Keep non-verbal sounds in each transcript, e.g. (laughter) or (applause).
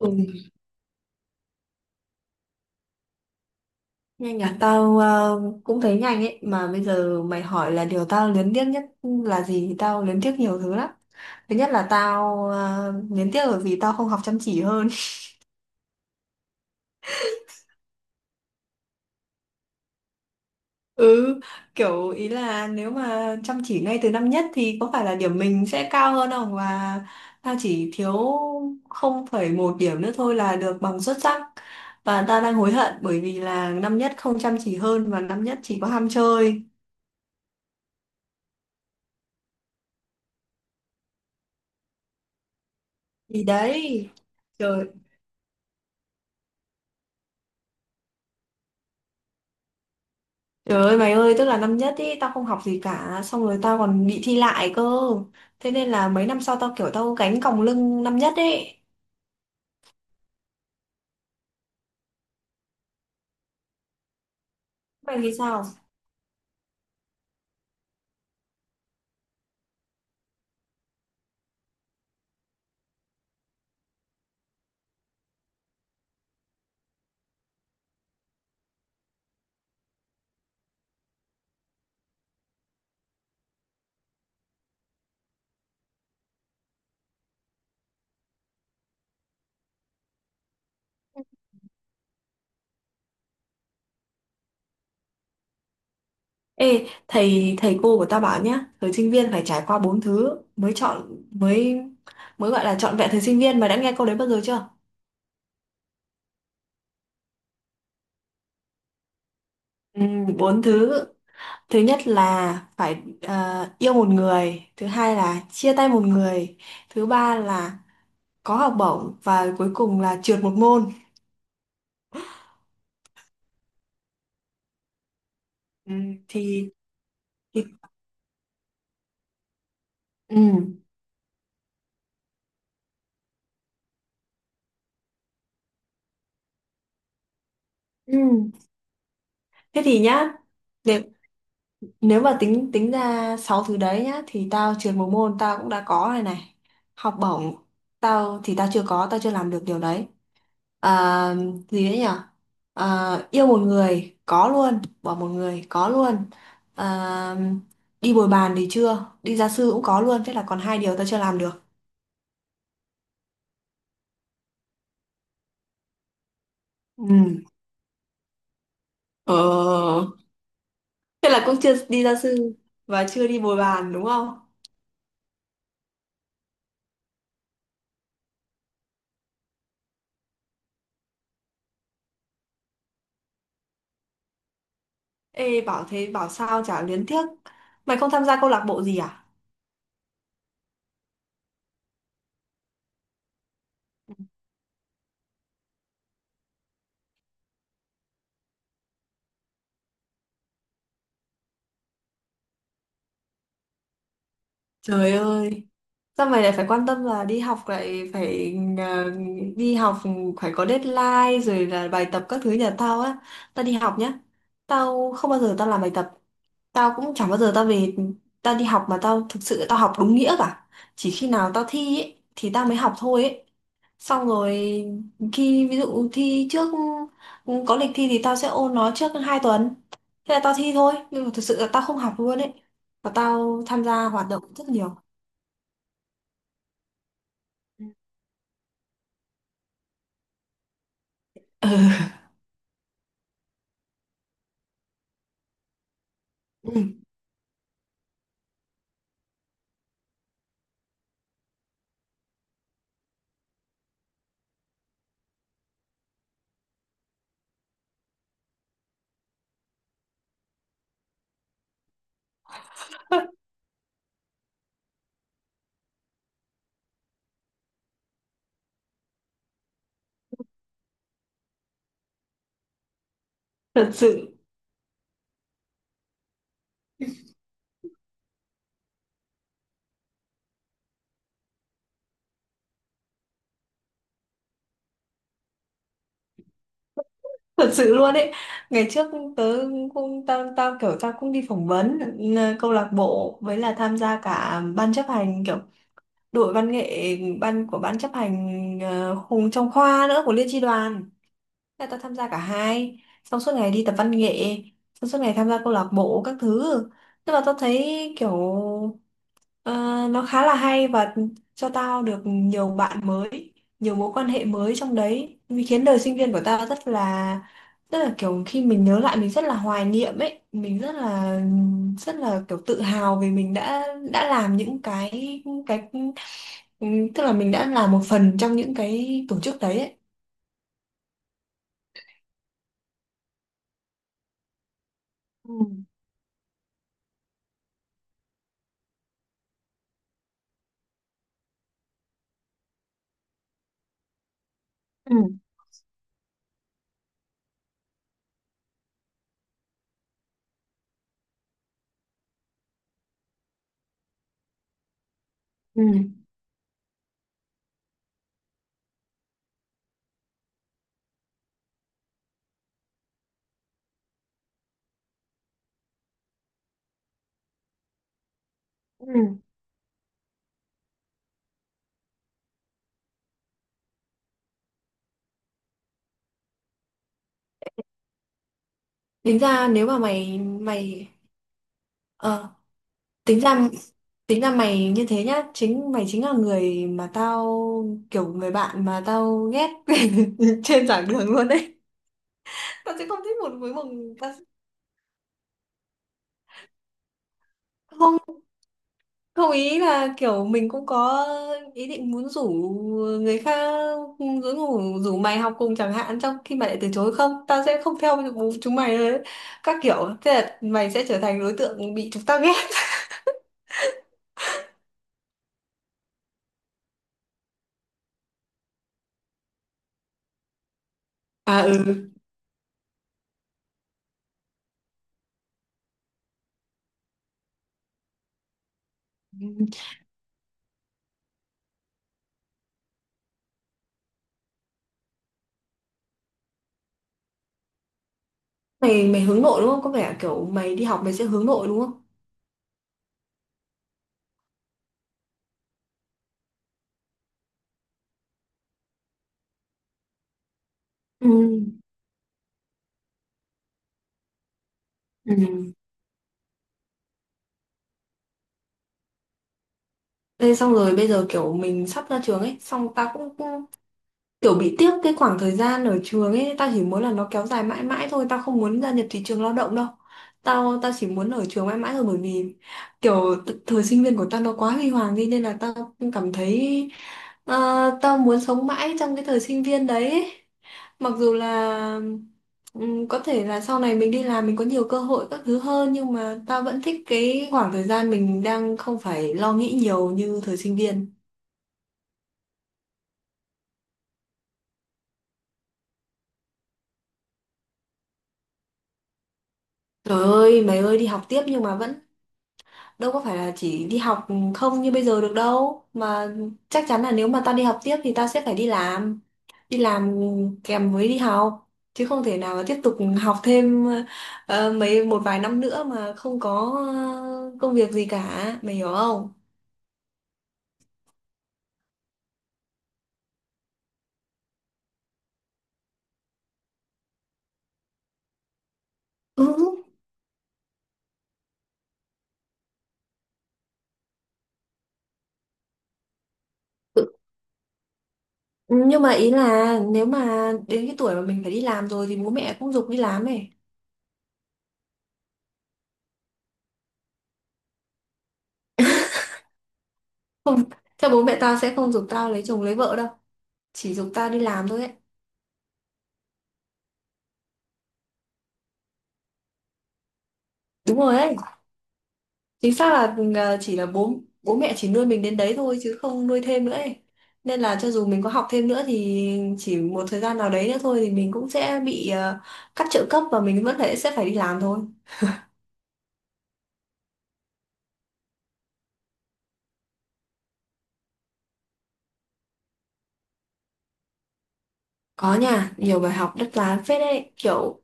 Ừ, nhanh à. Tao cũng thấy nhanh ấy, mà bây giờ mày hỏi là điều tao luyến tiếc nhất là gì thì tao luyến tiếc nhiều thứ lắm. Thứ nhất là tao luyến tiếc bởi vì tao không học chăm chỉ hơn. (laughs) Ừ, kiểu ý là nếu mà chăm chỉ ngay từ năm nhất thì có phải là điểm mình sẽ cao hơn không? Và tao chỉ thiếu 0,1 điểm nữa thôi là được bằng xuất sắc. Và tao đang hối hận bởi vì là năm nhất không chăm chỉ hơn và năm nhất chỉ có ham chơi. Thì đấy. Trời. Trời ơi mày ơi, tức là năm nhất ý, tao không học gì cả, xong rồi tao còn bị thi lại cơ. Thế nên là mấy năm sau tao kiểu tao gánh còng lưng năm nhất ấy. Mày nghĩ sao? Ê, thầy thầy cô của tao bảo nhá, thời sinh viên phải trải qua bốn thứ mới chọn mới mới gọi là trọn vẹn thời sinh viên. Mày đã nghe câu đấy bao giờ chưa? Ừ, bốn thứ. Thứ nhất là phải yêu một người, thứ hai là chia tay một người, thứ ba là có học bổng và cuối cùng là trượt một môn. Ừ, thì thì- Ừ. Ừ. Thế thì nhá, nếu, nếu mà tính tính ra 6 thứ đấy nhá thì tao trượt một môn tao cũng đã có rồi này. Học bổng tao thì tao chưa có, tao chưa làm được điều đấy. À, gì đấy nhỉ? À, yêu một người có luôn, bỏ một người có luôn. À, đi bồi bàn thì chưa, đi gia sư cũng có luôn, thế là còn hai điều tao chưa làm được. Ừ. Ờ, thế là cũng chưa đi gia sư và chưa đi bồi bàn đúng không? Ê, bảo thế bảo sao chả luyến tiếc. Mày không tham gia câu lạc bộ gì à? Trời ơi, sao mày lại phải quan tâm là đi học lại phải ờ, đi học phải có deadline rồi là bài tập các thứ nhà tao á. Tao đi học nhá. Tao không bao giờ tao làm bài tập. Tao cũng chẳng bao giờ tao về tao đi học mà tao thực sự tao học đúng nghĩa cả. Chỉ khi nào tao thi ấy, thì tao mới học thôi ấy. Xong rồi khi ví dụ thi trước có lịch thi thì tao sẽ ôn nó trước 2 tuần. Thế là tao thi thôi, nhưng mà thực sự là tao không học luôn ấy. Và tao tham gia hoạt động rất nhiều. Ừ. Ừ, thật sự thật sự luôn ấy. Ngày trước tớ cũng tao tao kiểu tao cũng đi phỏng vấn, ừ, câu lạc bộ với là tham gia cả ban chấp hành, kiểu đội văn nghệ, ban của ban chấp hành, hùng trong khoa nữa của liên chi đoàn. Thế là tao tham gia cả hai. Xong suốt ngày đi tập văn nghệ, xong suốt ngày tham gia câu lạc bộ các thứ. Nhưng mà tao thấy kiểu ờ, nó khá là hay. Và cho tao được nhiều bạn mới, nhiều mối quan hệ mới trong đấy, vì khiến đời sinh viên của tao rất là, rất là kiểu khi mình nhớ lại mình rất là hoài niệm ấy. Mình rất là kiểu tự hào, vì mình đã làm những cái, tức là mình đã là một phần trong những cái tổ chức đấy ấy. Ừ. Ừ. Ừ. Ừ. Tính ra nếu mà mày mày ờ, tính ra tính ra mày như thế nhá, chính mày chính là người mà tao, kiểu người bạn mà tao ghét (laughs) trên giảng đường luôn đấy. Tao sẽ không thích một với một. tao sẽ- Không, không, ý là kiểu mình cũng có ý định muốn rủ người khác, rủ rủ rủ mày học cùng chẳng hạn, trong khi mày lại từ chối, không tao sẽ không theo chúng mày đấy các kiểu, thế là mày sẽ trở thành đối tượng bị chúng ta ghét. À, ừ. Mày mày hướng nội đúng không? Có vẻ kiểu mày đi học mày sẽ hướng nội đúng không? Ừ. Ừ. Thế xong rồi bây giờ kiểu mình sắp ra trường ấy, xong ta cũng kiểu bị tiếc cái khoảng thời gian ở trường ấy, tao chỉ muốn là nó kéo dài mãi mãi thôi, tao không muốn gia nhập thị trường lao động đâu. Tao tao chỉ muốn ở trường mãi mãi thôi, bởi vì kiểu thời sinh viên của tao nó quá huy hoàng đi, nên là tao cảm thấy tao muốn sống mãi trong cái thời sinh viên đấy ấy. Mặc dù là có thể là sau này mình đi làm mình có nhiều cơ hội các thứ hơn, nhưng mà tao vẫn thích cái khoảng thời gian mình đang không phải lo nghĩ nhiều như thời sinh viên. Trời ơi mày ơi, đi học tiếp nhưng mà vẫn đâu có phải là chỉ đi học không như bây giờ được đâu mà. Chắc chắn là nếu mà ta đi học tiếp thì ta sẽ phải đi làm, đi làm kèm với đi học, chứ không thể nào mà tiếp tục học thêm một vài năm nữa mà không có ờ, công việc gì cả, mày hiểu không? Ừ. tự- nhưng mà ý là nếu mà đến cái tuổi mà mình phải đi làm rồi thì bố mẹ cũng giục đi làm ấy. Chắc bố mẹ tao sẽ không giục tao lấy chồng lấy vợ đâu, chỉ giục tao đi làm thôi ấy. Đúng rồi ấy, chính xác là chỉ là bố bố mẹ chỉ nuôi mình đến đấy thôi chứ không nuôi thêm nữa ấy. Nên là cho dù mình có học thêm nữa thì chỉ một thời gian nào đấy nữa thôi thì mình cũng sẽ bị cắt trợ cấp, và mình vẫn phải sẽ phải đi làm thôi. Có nha, nhiều bài học đắt giá phết đấy, kiểu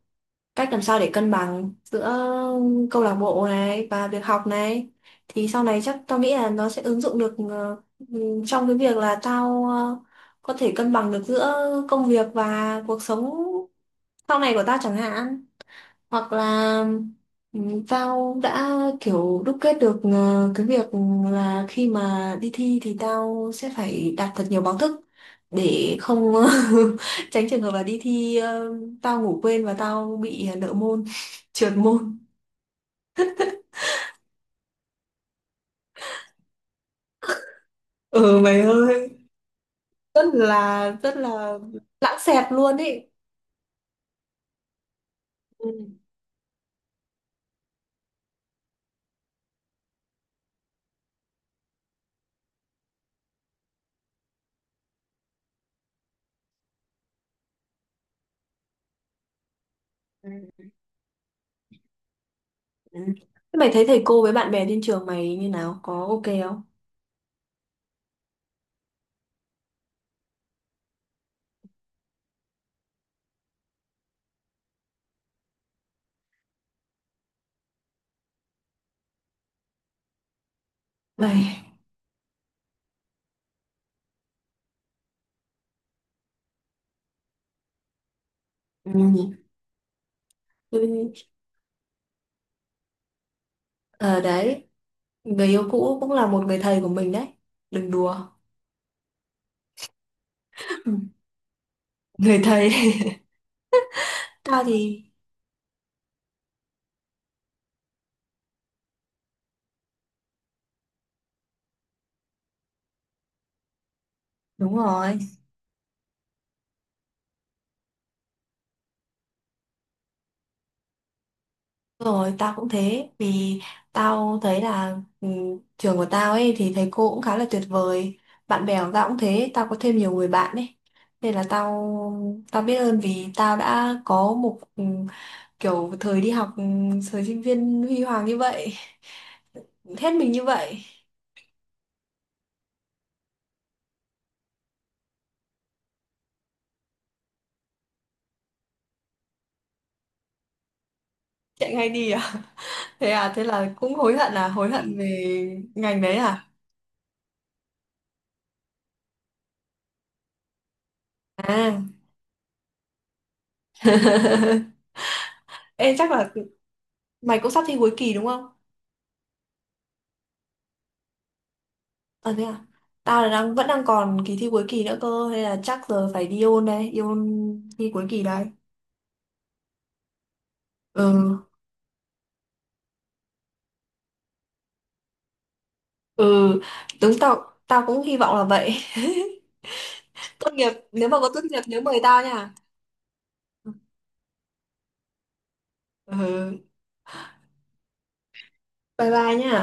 cách làm sao để cân bằng giữa câu lạc bộ này và việc học này, thì sau này chắc tao nghĩ là nó sẽ ứng dụng được trong cái việc là tao có thể cân bằng được giữa công việc và cuộc sống sau này của tao chẳng hạn. Hoặc là tao đã kiểu đúc kết được cái việc là khi mà đi thi thì tao sẽ phải đạt thật nhiều báo thức để không (laughs) tránh trường hợp là đi thi tao ngủ quên và tao bị nợ môn (laughs) trượt môn. Ừ mày ơi, rất là lãng xẹt luôn ý. Ừ. Ừ. Ừ. Thế mày thấy thầy cô với bạn bè trên trường mày như nào, có ok không mày? Ừ. Ừ. Ờ, đấy. Người yêu cũ cũng là một người thầy của mình đấy. Đừng đùa. (laughs) Người thầy. (laughs) Tao thì đúng rồi. Đúng rồi, tao cũng thế. Vì tao thấy là, trường của tao ấy thì thầy cô cũng khá là tuyệt vời. Bạn bè của tao cũng thế. Tao có thêm nhiều người bạn ấy. Nên là tao tao biết ơn vì tao đã có một kiểu thời đi học, thời sinh viên huy hoàng như vậy. Hết mình như vậy. Chạy ngay đi à? (laughs) Thế à, thế là cũng hối hận à, hối hận về ngành đấy à? À. (laughs) Ê, chắc là mày cũng sắp thi cuối kỳ đúng không? Ờ thế à? Tao là vẫn đang còn kỳ thi cuối kỳ nữa cơ, nên là chắc giờ phải đi ôn đây, đi ôn thi cuối kỳ đây. Ừ, ừ, đúng, tao tao cũng hy vọng là vậy. (laughs) Tốt nghiệp, nếu mà có tốt nghiệp nhớ mời tao nha. Ừ, bye bye nha.